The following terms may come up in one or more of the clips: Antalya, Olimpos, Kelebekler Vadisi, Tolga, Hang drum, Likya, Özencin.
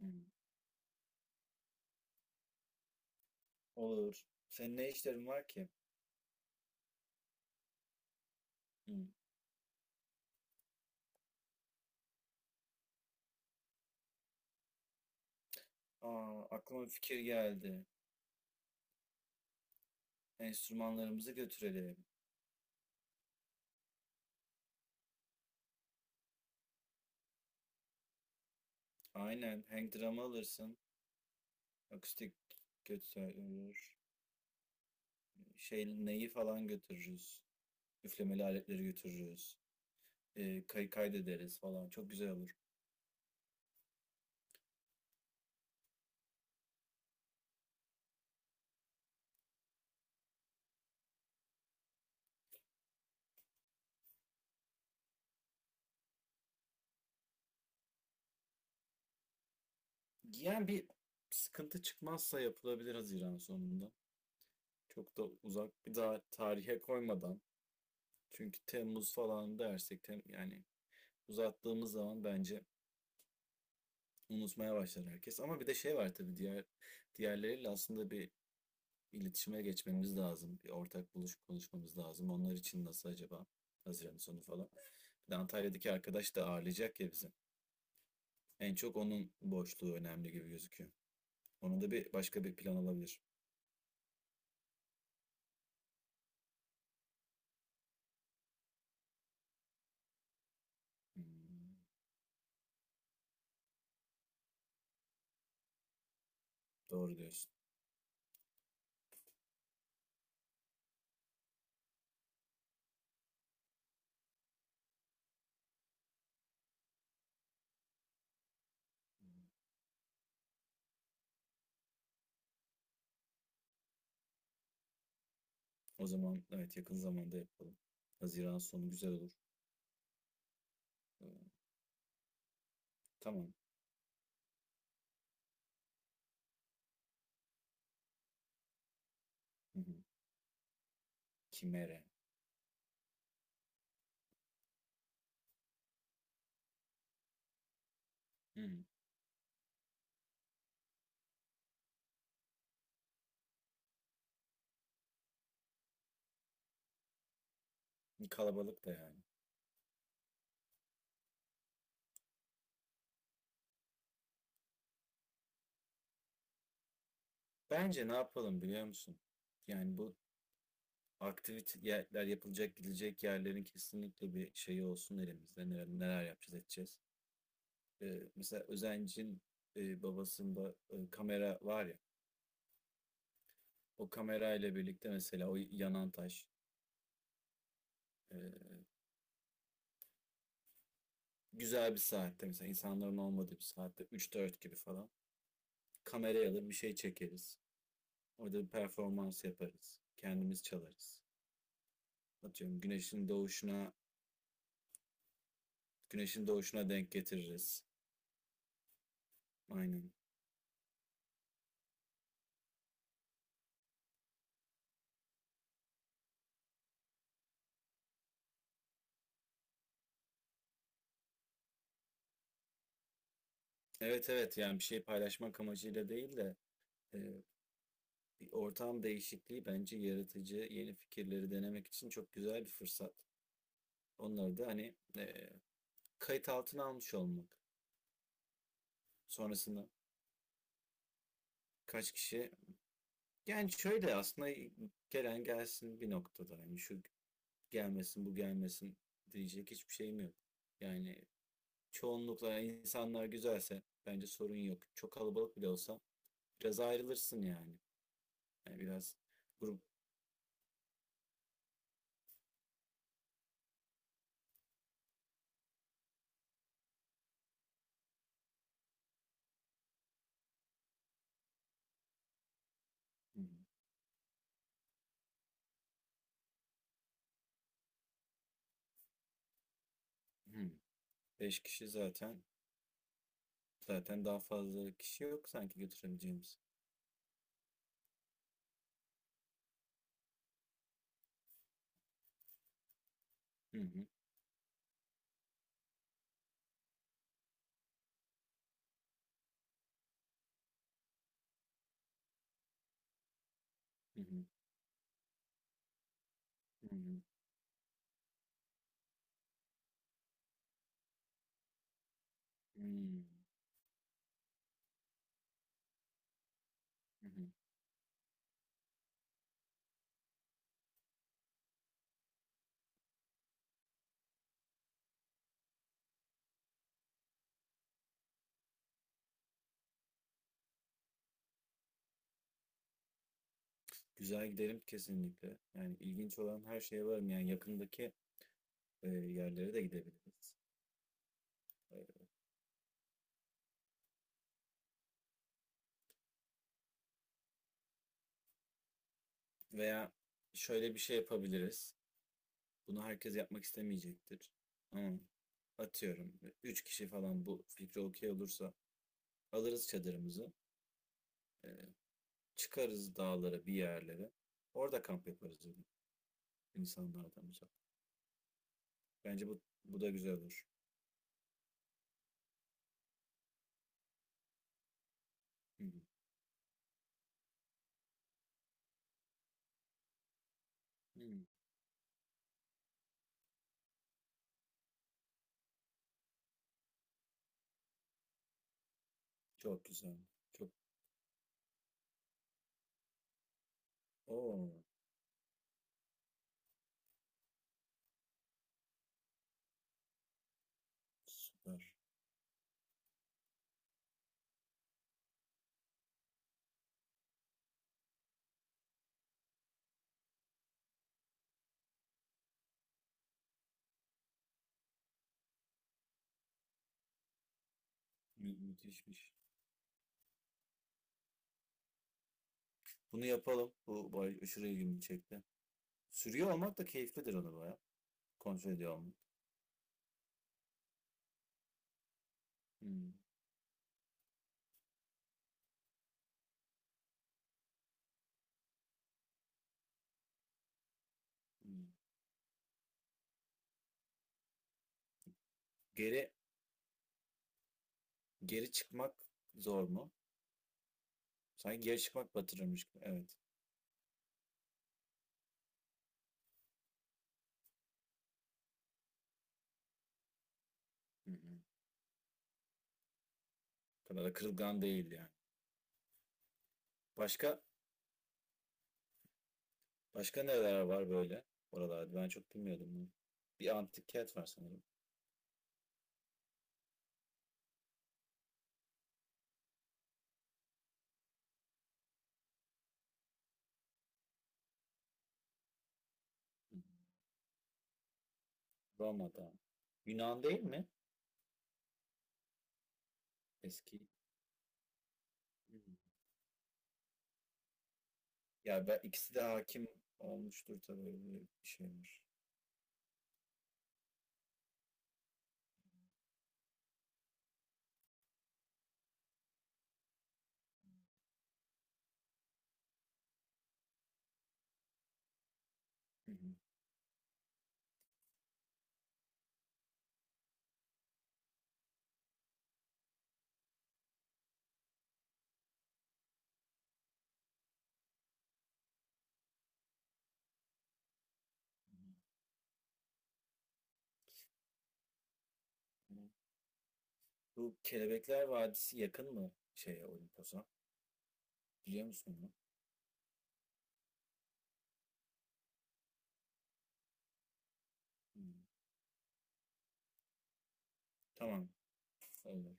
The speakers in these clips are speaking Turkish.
Hı. Olur. Senin ne işlerin var ki? Hı. Aa, aklıma bir fikir geldi. Enstrümanlarımızı götürelim. Aynen. Hang drum'ı alırsın. Akustik götürür. Şey, neyi falan götürürüz. Üflemeli aletleri götürürüz. Kaydederiz falan. Çok güzel olur. Yani bir sıkıntı çıkmazsa yapılabilir Haziran sonunda. Çok da uzak bir daha tarihe koymadan. Çünkü Temmuz falan dersek yani uzattığımız zaman bence unutmaya başlar herkes. Ama bir de şey var tabii diğerleriyle aslında bir iletişime geçmemiz lazım. Bir ortak buluşup konuşmamız lazım. Onlar için nasıl acaba? Haziran sonu falan. Bir de Antalya'daki arkadaş da ağırlayacak ya bizi. En çok onun boşluğu önemli gibi gözüküyor. Onu da bir başka bir plan olabilir. Hmm, doğru diyorsun. O zaman evet, yakın zamanda yapalım. Haziran sonu güzel olur. Ee, Tamam. Hı hı. Kimere. Hı hı. Kalabalık da yani. Bence ne yapalım biliyor musun? Yani bu aktiviteler yapılacak, gidecek yerlerin kesinlikle bir şeyi olsun elimizde. Neler, neler yapacağız, edeceğiz. Mesela Özencin babasında kamera var ya. O kamera ile birlikte mesela o yanan taş, e, güzel bir saatte, mesela insanların olmadığı bir saatte, üç dört gibi falan kameraya alır bir şey çekeriz. Orada bir performans yaparız. Kendimiz çalarız. Atıyorum güneşin doğuşuna, güneşin doğuşuna denk getiririz. Aynen. Evet, evet, yani bir şey paylaşmak amacıyla değil de e, bir ortam değişikliği bence yaratıcı yeni fikirleri denemek için çok güzel bir fırsat. Onları da hani kayıt altına almış olmak. Sonrasında kaç kişi, yani şöyle aslında, gelen gelsin bir noktada. Yani şu gelmesin, bu gelmesin diyecek hiçbir şeyim yok. Yani çoğunlukla insanlar güzelse bence sorun yok. Çok kalabalık bile olsa biraz ayrılırsın yani. Yani biraz grup. Hmm, hmm, 5 kişi zaten. Zaten daha fazla kişi yok sanki götürebileceğimiz. Hı hı, hı hı, hı hı, hımm, hı hı. Güzel, giderim kesinlikle. Yani ilginç olan her şeye varım. Yani yakındaki, yerlere de gidebiliriz. Eee, veya şöyle bir şey yapabiliriz. Bunu herkes yapmak istemeyecektir. Ama atıyorum 3 kişi falan bu fikre okey olursa alırız çadırımızı. eee, Çıkarız dağlara bir yerlere. Orada kamp yaparız, insanlardan uzak. Bence bu da güzel olur. Hmm, çok güzel. Çok. Oo, süper. Müthişmiş. Bunu yapalım. Bu bay aşırı ilgimi çekti. Sürüyor olmak da keyiflidir onu, baya. Kontrol ediyor olmak. Hmm, hmm. Geri Geri çıkmak zor mu? Sanki geri çıkmak batırırmış gibi. Evet. Hı hı. O kadar da kırılgan değil yani. Başka Başka neler var böyle oralarda? Ben çok bilmiyordum bunu. Bir antik kent var sanırım. Hı. Hı. Roma'da. Yunan değil mi? Eski. Hı. Ya ben, ikisi de hakim olmuştur tabii, öyle bir şeymiş. Hı hı. Bu Kelebekler Vadisi yakın mı şeye, Olimpos'a? Biliyor musun bunu? Hı. Tamam. Olur.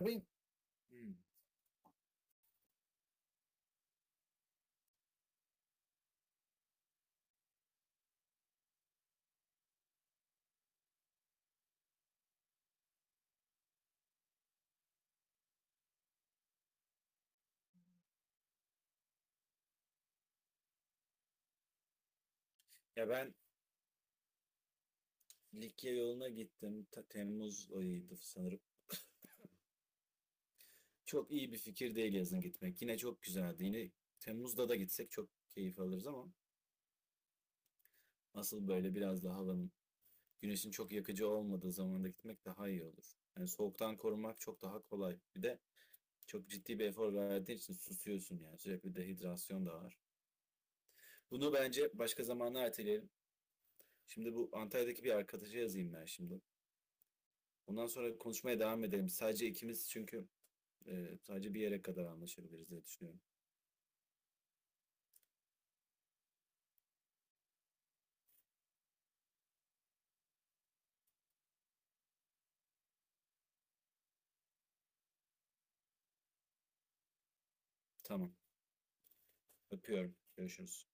Ya ben, hı. Ya ben Likya yoluna gittim. Temmuz ayıydı sanırım. Çok iyi bir fikir değil yazın gitmek. Yine çok güzeldi. Yine Temmuz'da da gitsek çok keyif alırız ama asıl böyle biraz daha havanın, güneşin çok yakıcı olmadığı zamanda gitmek daha iyi olur. Yani soğuktan korunmak çok daha kolay. Bir de çok ciddi bir efor verdiğin için susuyorsun yani. Sürekli dehidrasyon da var. Bunu bence başka zamanlar erteleyelim. Şimdi bu Antalya'daki bir arkadaşa yazayım ben şimdi. Ondan sonra konuşmaya devam edelim. Sadece ikimiz, çünkü sadece bir yere kadar anlaşabiliriz diye düşünüyorum. Tamam. Öpüyorum. Görüşürüz.